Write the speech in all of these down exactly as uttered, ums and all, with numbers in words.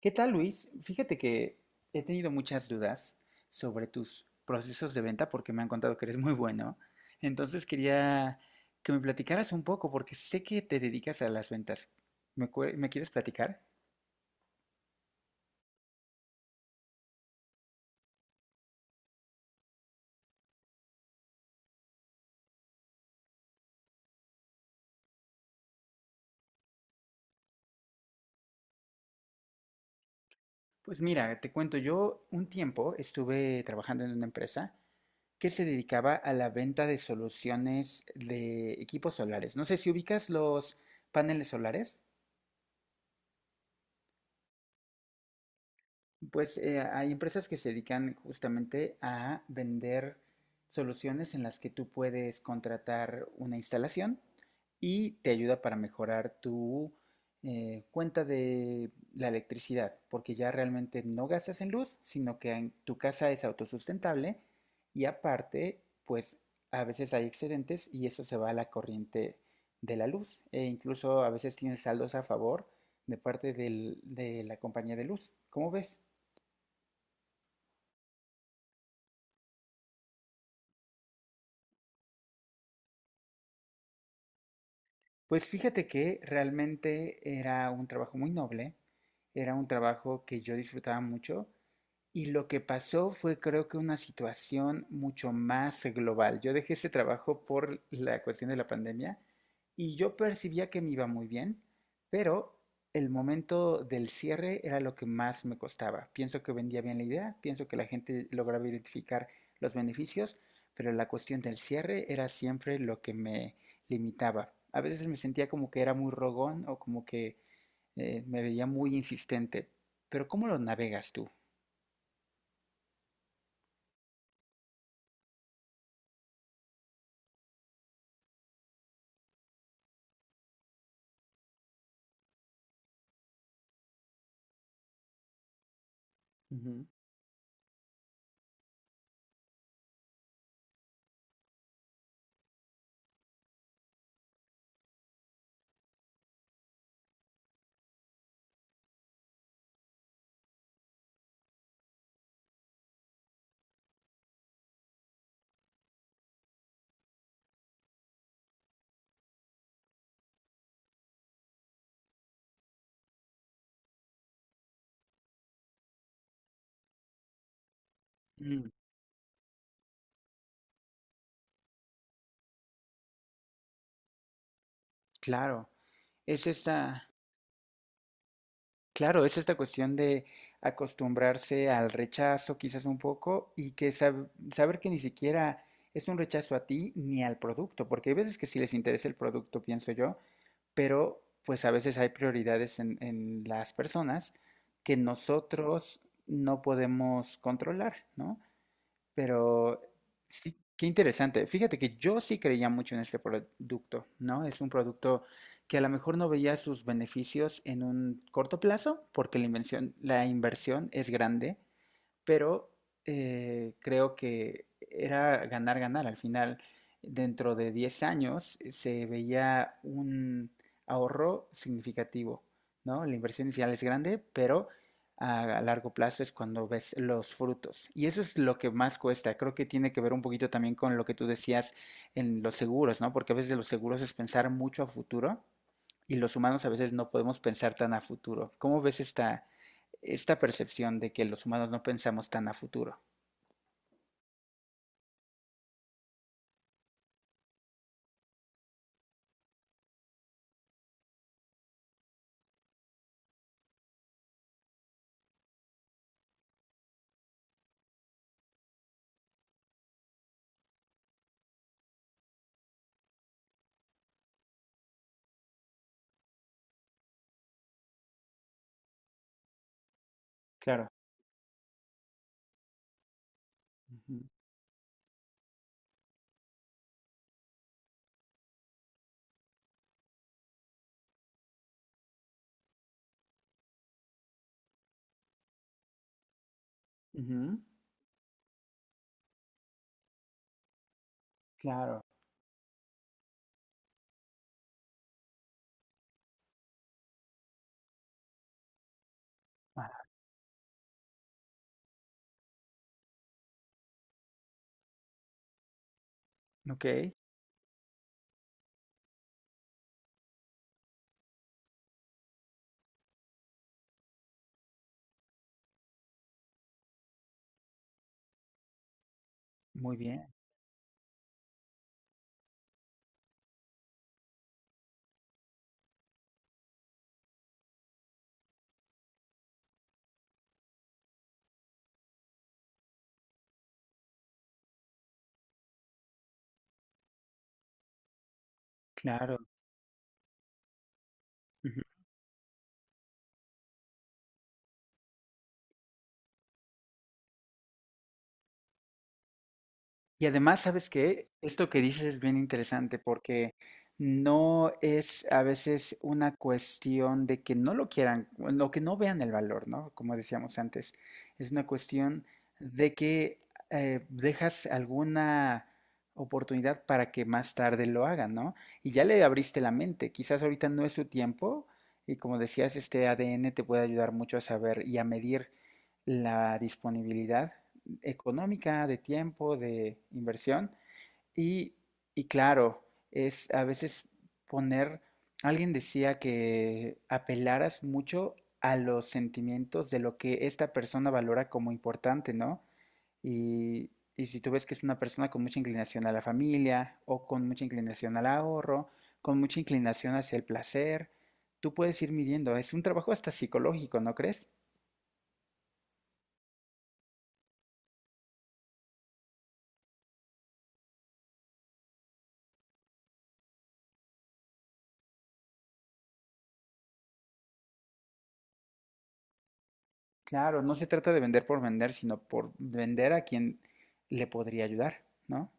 ¿Qué tal, Luis? Fíjate que he tenido muchas dudas sobre tus procesos de venta porque me han contado que eres muy bueno. Entonces quería que me platicaras un poco porque sé que te dedicas a las ventas. ¿Me, cue- me quieres platicar? Pues mira, te cuento, yo un tiempo estuve trabajando en una empresa que se dedicaba a la venta de soluciones de equipos solares. No sé si ubicas los paneles solares. Pues eh, hay empresas que se dedican justamente a vender soluciones en las que tú puedes contratar una instalación y te ayuda para mejorar tu eh, cuenta de la electricidad, porque ya realmente no gastas en luz, sino que en tu casa es autosustentable y aparte, pues a veces hay excedentes y eso se va a la corriente de la luz e incluso a veces tienes saldos a favor de parte del- de la compañía de luz. ¿Cómo ves? Pues fíjate que realmente era un trabajo muy noble, era un trabajo que yo disfrutaba mucho y lo que pasó fue creo que una situación mucho más global. Yo dejé ese trabajo por la cuestión de la pandemia y yo percibía que me iba muy bien, pero el momento del cierre era lo que más me costaba. Pienso que vendía bien la idea, pienso que la gente lograba identificar los beneficios, pero la cuestión del cierre era siempre lo que me limitaba. A veces me sentía como que era muy rogón o como que eh, me veía muy insistente. Pero ¿cómo lo navegas tú? Ujú. Mm, claro, es esta, claro, es esta cuestión de acostumbrarse al rechazo quizás un poco y que sab- saber que ni siquiera es un rechazo a ti ni al producto, porque hay veces que sí les interesa el producto, pienso yo, pero pues a veces hay prioridades en, en las personas que nosotros no podemos controlar, ¿no? Pero sí, qué interesante. Fíjate que yo sí creía mucho en este producto, ¿no? Es un producto que a lo mejor no veía sus beneficios en un corto plazo, porque la invención- la inversión es grande, pero eh, creo que era ganar, ganar. Al final, dentro de diez años, eh, se veía un ahorro significativo, ¿no? La inversión inicial es grande, pero a, a largo plazo es cuando ves los frutos. Y eso es lo que más cuesta. Creo que tiene que ver un poquito también con lo que tú decías en los seguros, ¿no? Porque a veces los seguros es pensar mucho a futuro y los humanos a veces no podemos pensar tan a futuro. ¿Cómo ves esta, esta percepción de que los humanos no pensamos tan a futuro? Claro. Ujú, ujú, claro. Ah, ok, muy bien, claro. Y además, ¿sabes qué? Esto que dices es bien interesante porque no es a veces una cuestión de que no lo quieran, bueno, o que no vean el valor, ¿no? Como decíamos antes, es una cuestión de que eh, dejas alguna oportunidad para que más tarde lo hagan, ¿no? Y ya le abriste la mente, quizás ahorita no es su tiempo y como decías, este A D N te puede ayudar mucho a saber y a medir la disponibilidad económica, de tiempo, de inversión. Y, y claro, es a veces poner, alguien decía que apelaras mucho a los sentimientos de lo que esta persona valora como importante, ¿no? Y, y si tú ves que es una persona con mucha inclinación a la familia o con mucha inclinación al ahorro, con mucha inclinación hacia el placer, tú puedes ir midiendo. Es un trabajo hasta psicológico, ¿no crees? Claro, no se trata de vender por vender, sino por vender a quien le podría ayudar, ¿no?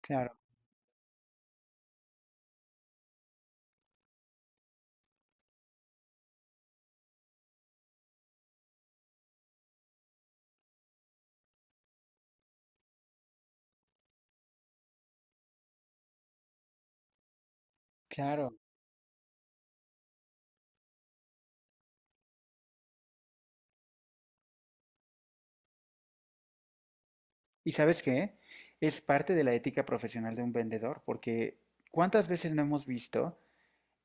Claro, claro. ¿Y sabes qué? Es parte de la ética profesional de un vendedor, porque ¿cuántas veces no hemos visto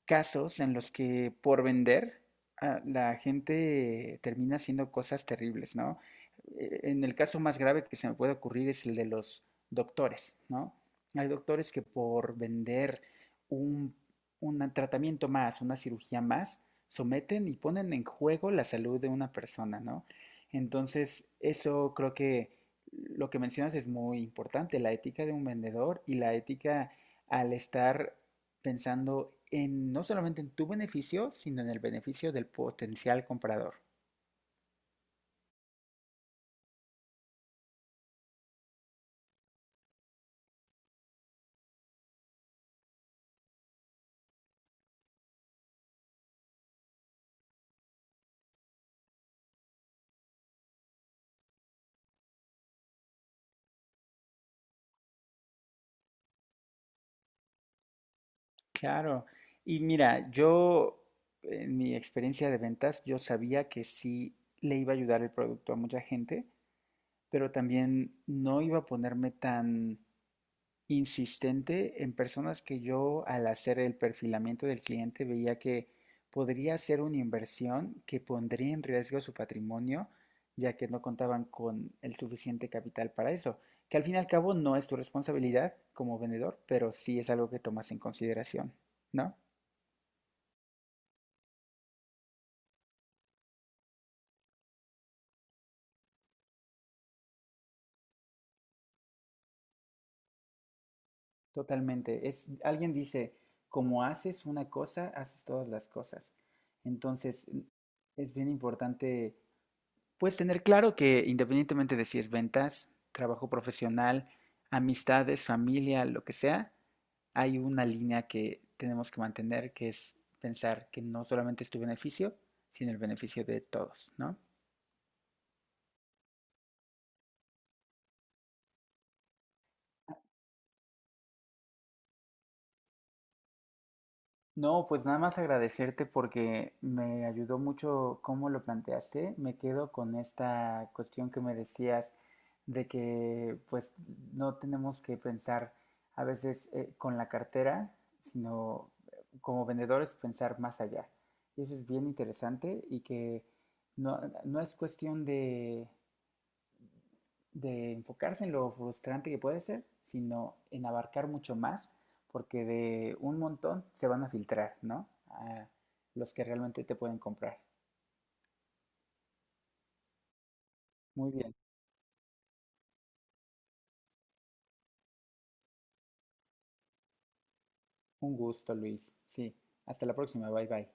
casos en los que por vender ah, la gente termina haciendo cosas terribles, ¿no? Eh, En el caso más grave que se me puede ocurrir es el de los doctores, ¿no? Hay doctores que por vender un, un tratamiento más, una cirugía más, someten y ponen en juego la salud de una persona, ¿no? Entonces, eso creo que lo que mencionas es muy importante, la ética de un vendedor y la ética al estar pensando en no solamente en tu beneficio, sino en el beneficio del potencial comprador. Claro. Y mira, yo en mi experiencia de ventas, yo sabía que sí le iba a ayudar el producto a mucha gente, pero también no iba a ponerme tan insistente en personas que yo al hacer el perfilamiento del cliente veía que podría ser una inversión que pondría en riesgo su patrimonio, ya que no contaban con el suficiente capital para eso, que al fin y al cabo no es tu responsabilidad como vendedor, pero sí es algo que tomas en consideración, ¿no? Totalmente. Es, alguien dice, como haces una cosa, haces todas las cosas. Entonces, es bien importante. Pues tener claro que independientemente de si es ventas, trabajo profesional, amistades, familia, lo que sea, hay una línea que tenemos que mantener, que es pensar que no solamente es tu beneficio, sino el beneficio de todos, ¿no? No, pues nada más agradecerte porque me ayudó mucho cómo lo planteaste. Me quedo con esta cuestión que me decías de que pues no tenemos que pensar a veces eh, con la cartera, sino eh, como vendedores pensar más allá. Y eso es bien interesante y que no, no es cuestión de de enfocarse en lo frustrante que puede ser, sino en abarcar mucho más, porque de un montón se van a filtrar, ¿no? A los que realmente te pueden comprar. Muy bien, un gusto, Luis. Sí, hasta la próxima, bye bye.